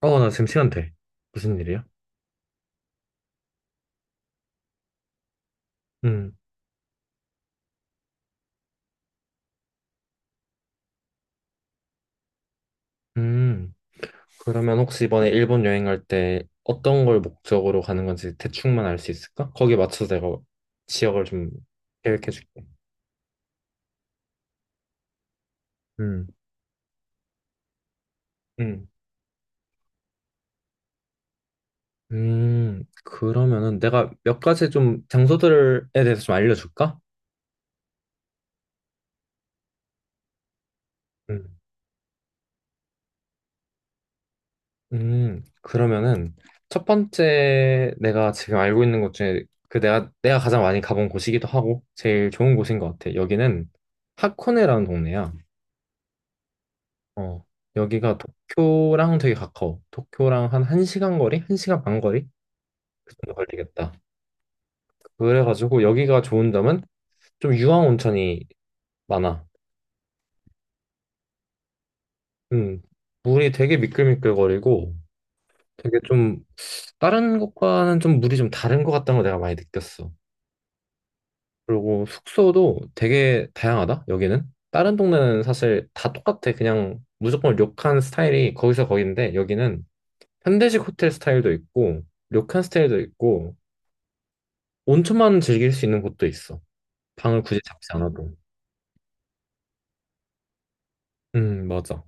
어, 나 지금 시간 돼. 무슨 일이야? 음, 음. 그러면 혹시 이번에 일본 여행 갈 때 어떤 걸 목적으로 가는 건지 대충만 알 수 있을까? 거기에 맞춰서 내가 지역을 좀 계획해 줄게. 음, 음, 그러면은 내가 몇 가지 좀 장소들에 대해서 좀 알려줄까? 음, 그러면은 첫 번째 내가 지금 알고 있는 곳 중에 그 내가 가장 많이 가본 곳이기도 하고 제일 좋은 곳인 것 같아. 여기는 하코네라는 동네야. 어, 여기가 도쿄랑 되게 가까워. 도쿄랑 한 1시간 거리? 1시간 반 거리? 그 정도 걸리겠다. 그래가지고 여기가 좋은 점은 좀 유황 온천이 많아. 음, 물이 되게 미끌미끌거리고 되게 좀 다른 곳과는 좀 물이 좀 다른 것 같다는 걸 내가 많이 느꼈어. 그리고 숙소도 되게 다양하다, 여기는. 다른 동네는 사실 다 똑같아. 그냥 무조건 료칸 스타일이 거기서 거긴데 여기는 현대식 호텔 스타일도 있고 료칸 스타일도 있고 온천만 즐길 수 있는 곳도 있어. 방을 굳이 잡지 않아도. 맞아.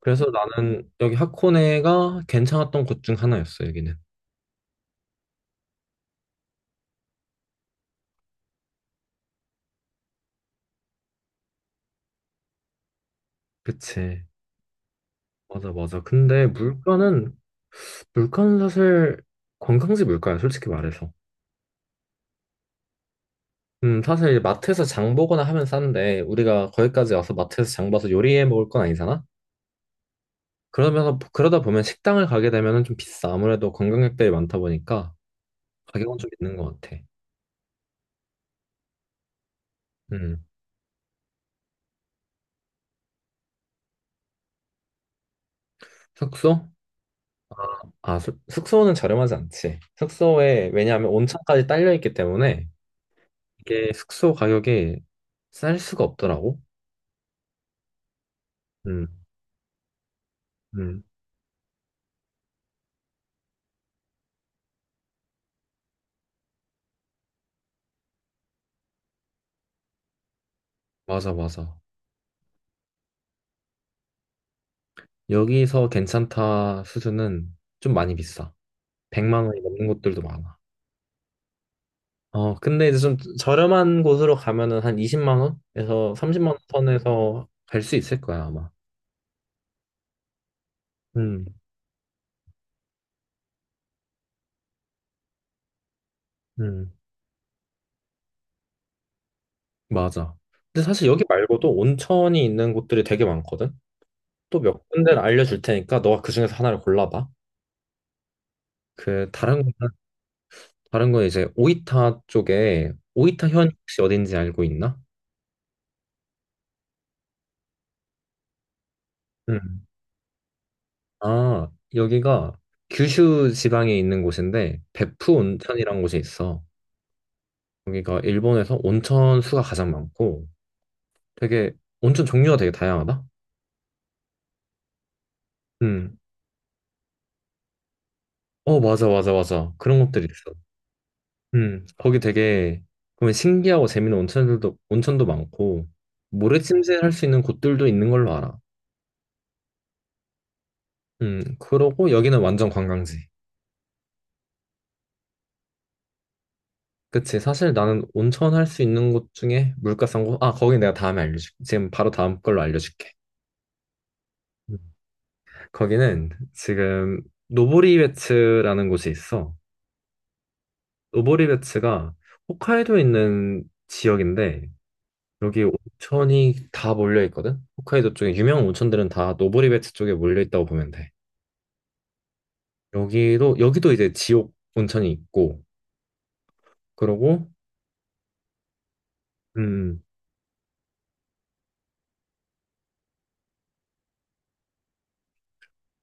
그래서 나는 여기 하코네가 괜찮았던 곳 중 하나였어, 여기는. 그치. 맞아, 맞아. 근데 물가는, 물가는 사실 관광지 물가야, 솔직히 말해서. 사실 이제 마트에서 장 보거나 하면 싼데, 우리가 거기까지 와서 마트에서 장 봐서 요리해 먹을 건 아니잖아? 그러면서, 그러다 보면 식당을 가게 되면은 좀 비싸. 아무래도 관광객들이 많다 보니까 가격은 좀 있는 것 같아. 음. 숙소? 아, 숙소는 저렴하지 않지. 숙소에, 왜냐하면 온천까지 딸려 있기 때문에 이게 숙소 가격이 쌀 수가 없더라고. 음, 음, 맞아, 맞아. 여기서 괜찮다 수준은 좀 많이 비싸. 100만 원이 넘는 곳들도 많아. 어, 근데 이제 좀 저렴한 곳으로 가면은 한 20만 원에서 30만 원 선에서 갈 수 있을 거야, 아마. 음, 음, 맞아. 근데 사실 여기 말고도 온천이 있는 곳들이 되게 많거든. 또 몇 군데를 알려줄 테니까 너가 그 중에서 하나를 골라봐. 그 다른 거 다른 건 이제 오이타 쪽에 오이타 현 혹시 어딘지 알고 있나? 음. 아, 여기가 규슈 지방에 있는 곳인데 베푸 온천이라는 곳이 있어. 여기가 일본에서 온천 수가 가장 많고 되게 온천 종류가 되게 다양하다. 음. 어, 맞아, 맞아, 맞아, 그런 것들이 있어. 음, 거기 되게 그러면 신기하고 재밌는 온천들도 온천도 많고 모래 침실 할 수 있는 곳들도 있는 걸로 알아. 그러고 여기는 완전 관광지. 그치. 사실 나는 온천 할 수 있는 곳 중에 물가 싼 곳, 아, 거기 내가 다음에 알려줄게. 지금 바로 다음 걸로 알려줄게. 음. 거기는 지금 노보리베츠라는 곳이 있어. 노보리베츠가 홋카이도에 있는 지역인데, 여기 온천이 다 몰려 있거든? 홋카이도 쪽에 유명한 온천들은 다 노보리베츠 쪽에 몰려 있다고 보면 돼. 여기도 이제 지옥 온천이 있고, 그러고, 음,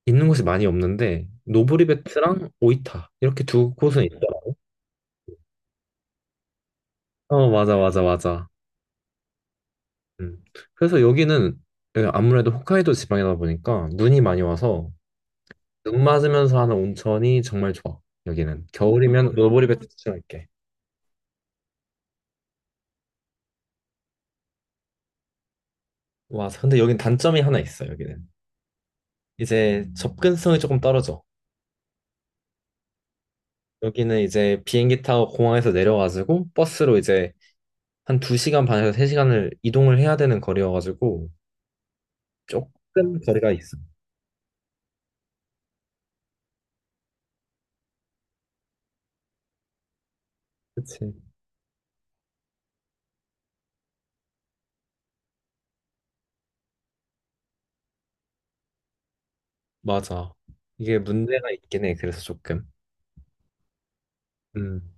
있는 곳이 많이 없는데 노브리베트랑 오이타 이렇게 두 곳은 있더라. 어, 맞아, 맞아, 맞아. 음. 그래서 여기는 아무래도 홋카이도 지방이다 보니까 눈이 많이 와서 눈 맞으면서 하는 온천이 정말 좋아. 여기는 겨울이면 노브리베트 추천할게. 와, 근데 여긴 단점이 하나 있어. 여기는 이제 접근성이 조금 떨어져. 여기는 이제 비행기 타고 공항에서 내려가지고 버스로 이제 한 두 시간 반에서 세 시간을 이동을 해야 되는 거리여가지고 조금 거리가 있어. 그치. 맞아. 이게 문제가 있긴 해. 그래서 조금. 음.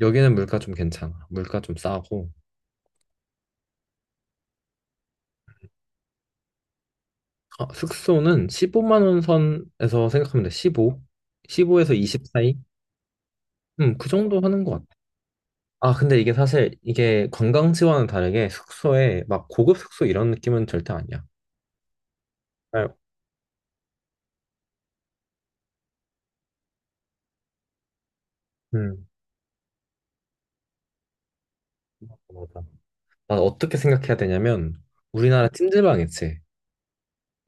여기는 물가 좀 괜찮아. 물가 좀 싸고. 아, 숙소는 15만 원 선에서 생각하면 돼. 15. 15에서 20 사이? 그 정도 하는 것 같아. 아, 근데 이게 사실 이게 관광지와는 다르게 숙소에 막 고급 숙소 이런 느낌은 절대 아니야. 아, 음. 맞아. 난 어떻게 생각해야 되냐면 우리나라 찜질방 있지.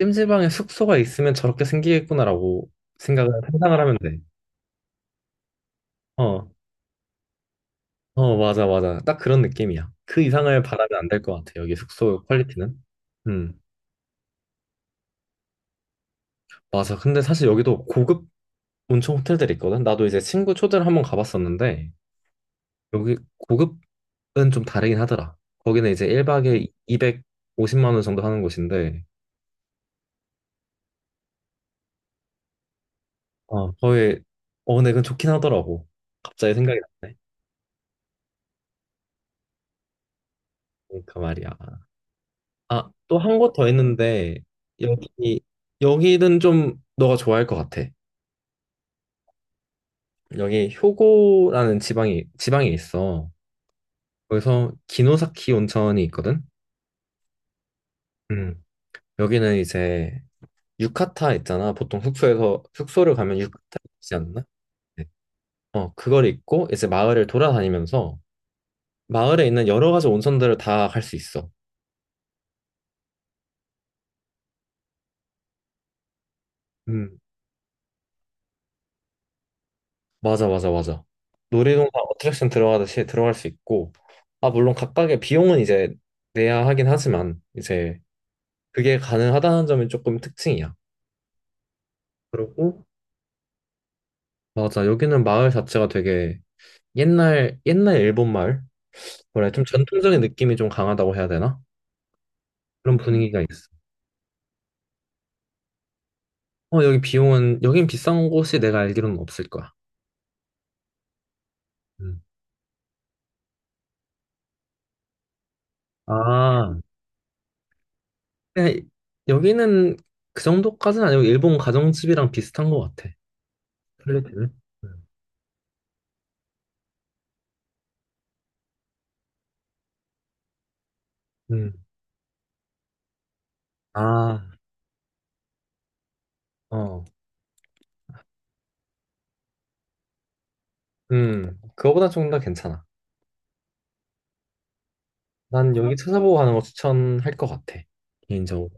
찜질방에 숙소가 있으면 저렇게 생기겠구나라고 생각을 상상을 하면 돼. 어. 어, 맞아, 맞아. 딱 그런 느낌이야. 그 이상을 바라면 안 될 것 같아. 여기 숙소 퀄리티는. 음, 맞아. 근데 사실 여기도 고급 온천 호텔들이 있거든. 나도 이제 친구 초대를 한번 가봤었는데, 여기 고급은 좀 다르긴 하더라. 거기는 이제 1박에 250만 원 정도 하는 곳인데, 어, 거의, 어, 근데 그건 좋긴 하더라고. 갑자기 생각이 났네. 그러니까 말이야. 아, 또 한 곳 더 있는데, 여기, 여기는 좀 너가 좋아할 것 같아. 여기 효고라는 지방이 있어. 거기서 기노사키 온천이 있거든. 음. 여기는 이제 유카타 있잖아. 보통 숙소에서 숙소를 가면 유카타 있지 않나? 네. 어, 그걸 입고 이제 마을을 돌아다니면서 마을에 있는 여러 가지 온천들을 다 갈 수 있어. 음. 맞아, 맞아, 맞아. 놀이동산 어트랙션 들어가듯이 들어갈 수 있고, 아, 물론 각각의 비용은 이제 내야 하긴 하지만 이제 그게 가능하다는 점이 조금 특징이야. 그리고 맞아. 여기는 마을 자체가 되게 옛날, 옛날 일본 마을? 뭐래, 좀 전통적인 느낌이 좀 강하다고 해야 되나? 그런 분위기가 있어. 어, 여기 비용은, 여긴 비싼 곳이 내가 알기로는 없을 거야. 음. 아, 그냥 여기는 그 정도까지는 아니고, 일본 가정집이랑 비슷한 것 같아. 플레이트 음. 음. 아, 어. 음. 그거보다 조금 더 괜찮아. 난 여기 찾아보고 가는 거 추천할 것 같아. 개인적으로.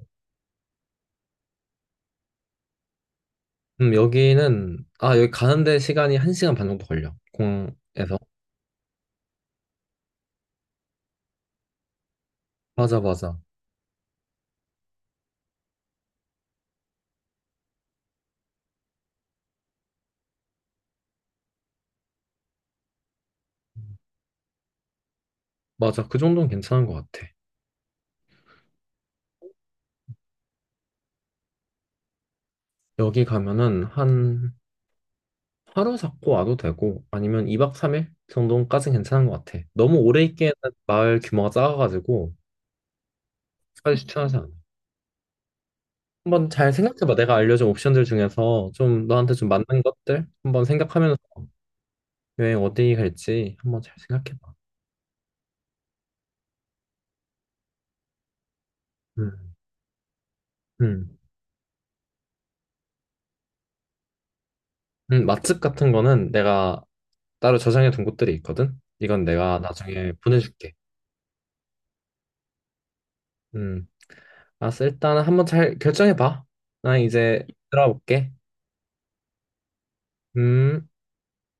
여기는, 아, 여기 가는데 시간이 한 시간 반 정도 걸려. 공에서. 맞아, 맞아. 맞아. 그 정도는 괜찮은 것 같아. 여기 가면은 한 하루 잡고 와도 되고, 아니면 2박 3일 정도까지 는 괜찮은 것 같아. 너무 오래 있기에는 마을 규모가 작아가지고, 까지 추천하지 않아. 한번 잘 생각해봐. 내가 알려준 옵션들 중에서 좀 너한테 좀 맞는 것들 한번 생각하면서 여행 어디 갈지 한번 잘 생각해봐. 음, 음. 맛집 같은 거는 내가 따로 저장해 둔 곳들이 있거든. 이건 내가 나중에 보내줄게. 음, 알았어. 일단은 한번 잘 결정해 봐. 나 이제 들어볼게. 음.